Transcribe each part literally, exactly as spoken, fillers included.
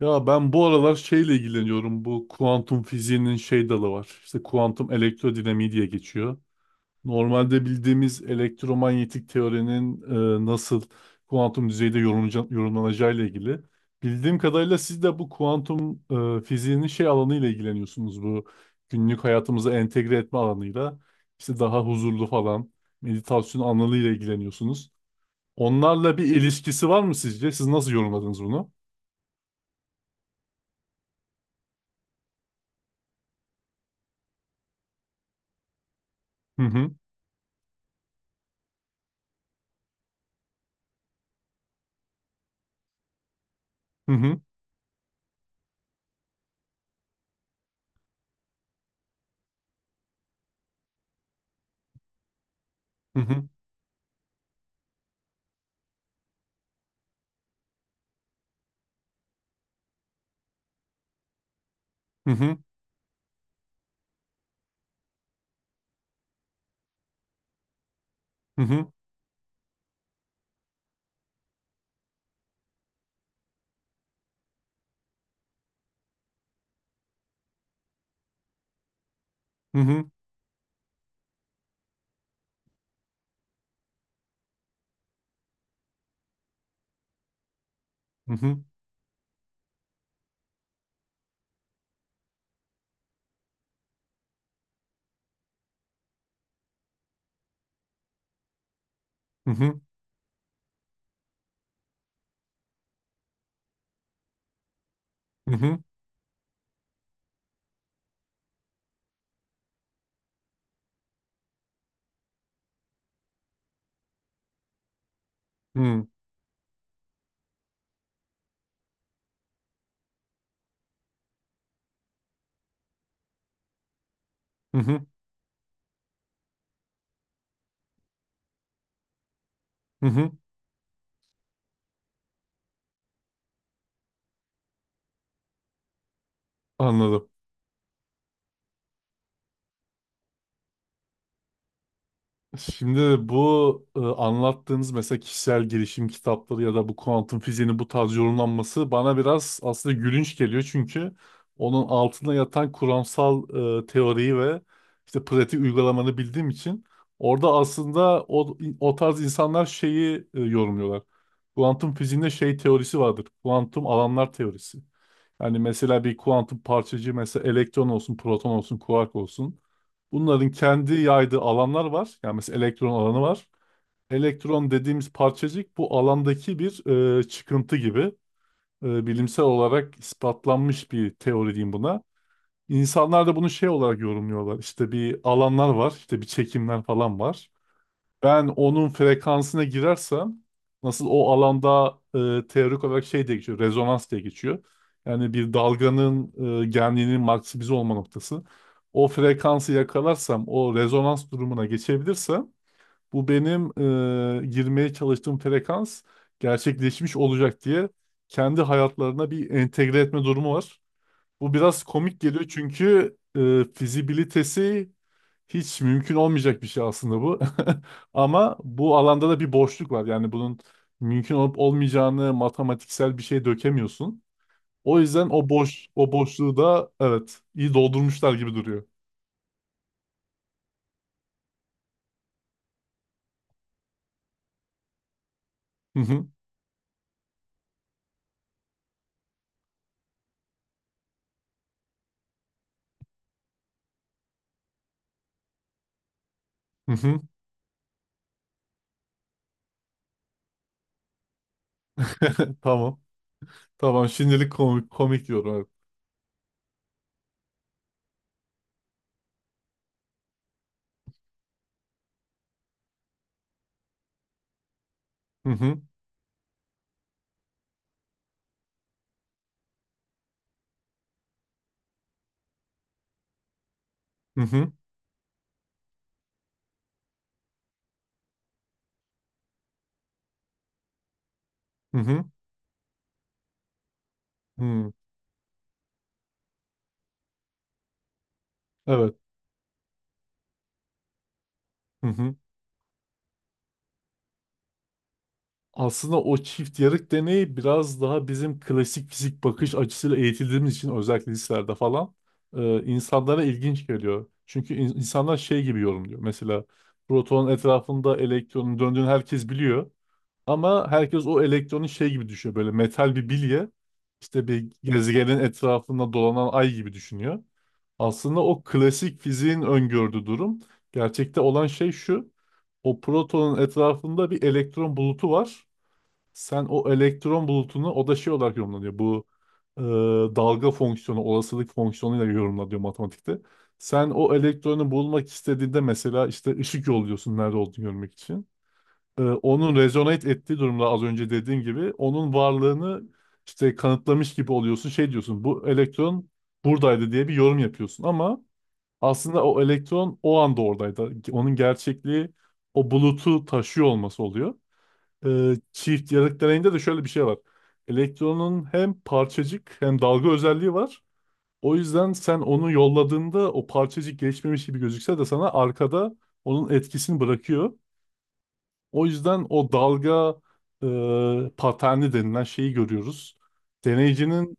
Ya ben bu aralar şeyle ilgileniyorum. Bu kuantum fiziğinin şey dalı var. İşte kuantum elektrodinamiği diye geçiyor. Normalde bildiğimiz elektromanyetik teorinin e, nasıl kuantum düzeyde yorumlanca- yorumlanacağıyla ilgili. Bildiğim kadarıyla siz de bu kuantum e, fiziğinin şey alanıyla ilgileniyorsunuz. Bu günlük hayatımıza entegre etme alanıyla. İşte daha huzurlu falan meditasyon alanıyla ilgileniyorsunuz. Onlarla bir ilişkisi var mı sizce? Siz nasıl yorumladınız bunu? Hı hı. Hı hı. Hı hı. Hı hı hı hı hı hı hı hı hı hı hı hı hı hı hı hı. Anladım. Şimdi bu e, anlattığınız mesela kişisel gelişim kitapları ya da bu kuantum fiziğinin bu tarz yorumlanması bana biraz aslında gülünç geliyor çünkü onun altında yatan kuramsal e, teoriyi ve işte pratik uygulamanı bildiğim için orada aslında o, o tarz insanlar şeyi e, yorumluyorlar. Kuantum fiziğinde şey teorisi vardır. Kuantum alanlar teorisi. Hani mesela bir kuantum parçacığı mesela elektron olsun, proton olsun, kuark olsun. Bunların kendi yaydığı alanlar var. Yani mesela elektron alanı var. Elektron dediğimiz parçacık bu alandaki bir e, çıkıntı gibi. E, bilimsel olarak ispatlanmış bir teori diyeyim buna. İnsanlar da bunu şey olarak yorumluyorlar. İşte bir alanlar var, işte bir çekimler falan var. Ben onun frekansına girersem nasıl o alanda e, teorik olarak şey diye geçiyor, rezonans diye geçiyor. Yani bir dalganın e, genliğinin maksimize olma noktası. O frekansı yakalarsam, o rezonans durumuna geçebilirsem bu benim e, girmeye çalıştığım frekans gerçekleşmiş olacak diye kendi hayatlarına bir entegre etme durumu var. Bu biraz komik geliyor çünkü e, fizibilitesi hiç mümkün olmayacak bir şey aslında bu. Ama bu alanda da bir boşluk var. Yani bunun mümkün olup olmayacağını matematiksel bir şey dökemiyorsun. O yüzden o boş o boşluğu da evet iyi doldurmuşlar gibi duruyor. Hı hı. Hı hı. Tamam. Tamam. Şimdilik komik komik diyorum. Evet. Hı hı. Hı hı. Hı hı. Hı. Evet. Hı hı. Aslında o çift yarık deneyi biraz daha bizim klasik fizik bakış açısıyla eğitildiğimiz için özellikle liselerde falan e, insanlara ilginç geliyor. Çünkü in- insanlar şey gibi yorumluyor. Mesela protonun etrafında elektronun döndüğünü herkes biliyor. Ama herkes o elektronu şey gibi düşünüyor. Böyle metal bir bilye işte bir gezegenin etrafında dolanan ay gibi düşünüyor. Aslında o klasik fiziğin öngördüğü durum. Gerçekte olan şey şu. O protonun etrafında bir elektron bulutu var. Sen o elektron bulutunu o da şey olarak yorumlanıyor. Bu e, dalga fonksiyonu, olasılık fonksiyonuyla yorumlanıyor matematikte. Sen o elektronu bulmak istediğinde mesela işte ışık yolluyorsun nerede olduğunu görmek için. E, onun rezonate ettiği durumda az önce dediğim gibi onun varlığını işte kanıtlamış gibi oluyorsun. Şey diyorsun bu elektron buradaydı diye bir yorum yapıyorsun ama aslında o elektron o anda oradaydı. Onun gerçekliği o bulutu taşıyor olması oluyor e, çift yarık deneyinde de şöyle bir şey var. Elektronun hem parçacık hem dalga özelliği var. O yüzden sen onu yolladığında o parçacık geçmemiş gibi gözükse de sana arkada onun etkisini bırakıyor. O yüzden o dalga e, paterni denilen şeyi görüyoruz. Deneyicinin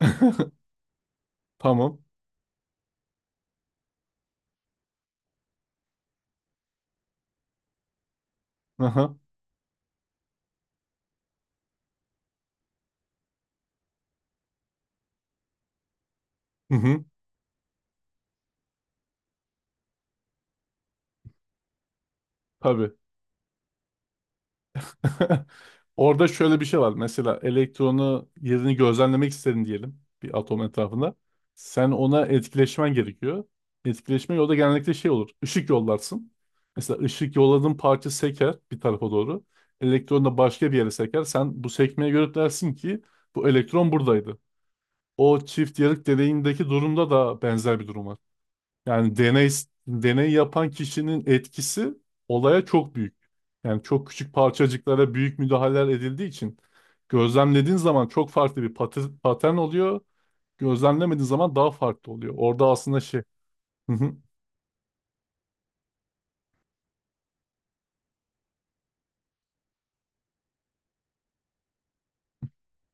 tamam. Aha. Hı hı. Tabii. Orada şöyle bir şey var. Mesela elektronu yerini gözlemlemek istedin diyelim bir atom etrafında. Sen ona etkileşmen gerekiyor. Etkileşme yolda genellikle şey olur. Işık yollarsın. Mesela ışık yolladığın parça seker bir tarafa doğru. Elektron da başka bir yere seker. Sen bu sekmeye göre dersin ki bu elektron buradaydı. O çift yarık deneyindeki durumda da benzer bir durum var. Yani deney deney yapan kişinin etkisi olaya çok büyük. Yani çok küçük parçacıklara büyük müdahaleler edildiği için gözlemlediğin zaman çok farklı bir patı- patern oluyor. Gözlemlemediğin zaman daha farklı oluyor. Orada aslında şey. Hı hı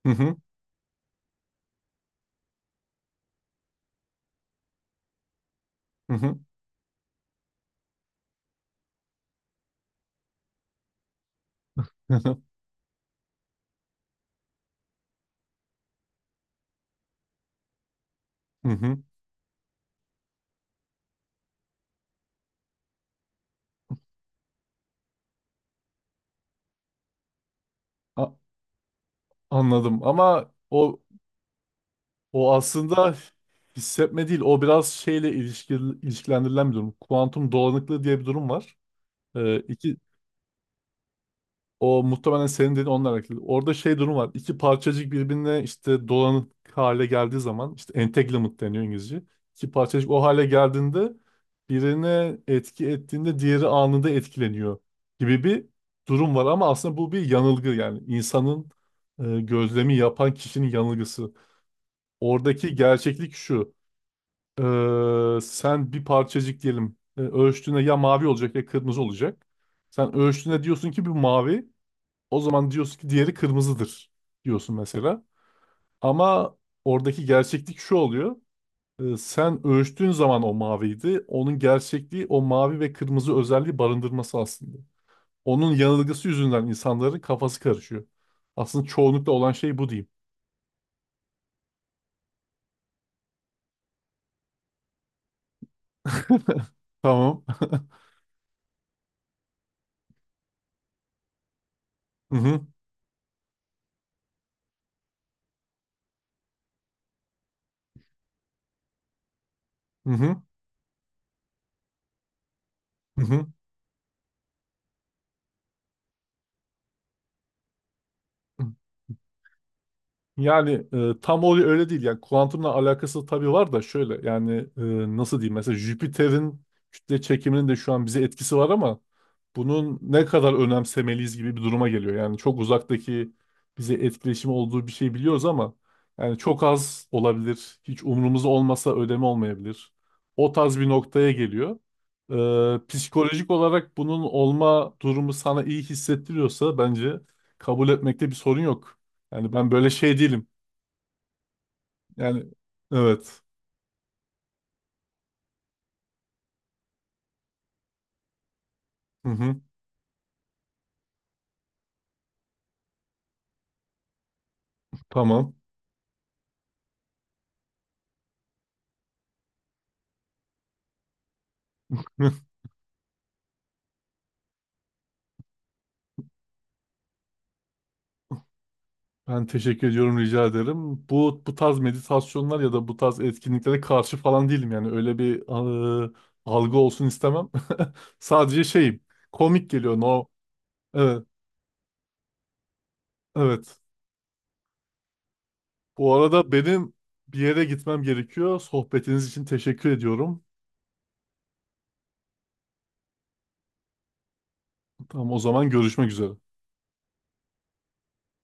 hı hı hı hı hı hı hı. A- Anladım ama o o aslında hissetme değil. O biraz şeyle ilişki, ilişkilendirilen bir durum. Kuantum dolanıklığı diye bir durum var. Ee, iki O muhtemelen senin dediğin onunla alakalı. Orada şey durum var. İki parçacık birbirine işte dolanık hale geldiği zaman işte entanglement deniyor İngilizce. İki parçacık o hale geldiğinde birine etki ettiğinde diğeri anında etkileniyor gibi bir durum var ama aslında bu bir yanılgı yani insanın e, gözlemi yapan kişinin yanılgısı. Oradaki gerçeklik şu. E, sen bir parçacık diyelim e, ölçtüğünde ya mavi olacak ya kırmızı olacak. Sen ölçtüğünde diyorsun ki bu mavi. O zaman diyorsun ki diğeri kırmızıdır diyorsun mesela. Ama oradaki gerçeklik şu oluyor. Ee, Sen ölçtüğün zaman o maviydi. Onun gerçekliği o mavi ve kırmızı özelliği barındırması aslında. Onun yanılgısı yüzünden insanların kafası karışıyor. Aslında çoğunlukla olan şey bu diyeyim. Tamam. Hı hı. Hı hı. Hı hı. Yani e, tam o öyle değil. Yani kuantumla alakası tabii var da şöyle yani e, nasıl diyeyim mesela Jüpiter'in kütle çekiminin de şu an bize etkisi var ama bunun ne kadar önemsemeliyiz gibi bir duruma geliyor. Yani çok uzaktaki bize etkileşimi olduğu bir şey biliyoruz ama yani çok az olabilir. Hiç umurumuzda olmasa ödeme olmayabilir. O tarz bir noktaya geliyor. E, psikolojik olarak bunun olma durumu sana iyi hissettiriyorsa bence kabul etmekte bir sorun yok. Yani ben böyle şey değilim. Yani evet. Hı hı. Tamam. Ben teşekkür ediyorum, rica ederim. Bu bu tarz meditasyonlar ya da bu tarz etkinliklere karşı falan değilim yani. Öyle bir eee, algı olsun istemem. Sadece şeyim. Komik geliyor. No. Evet. Evet. Bu arada benim bir yere gitmem gerekiyor. Sohbetiniz için teşekkür ediyorum. Tamam o zaman görüşmek üzere.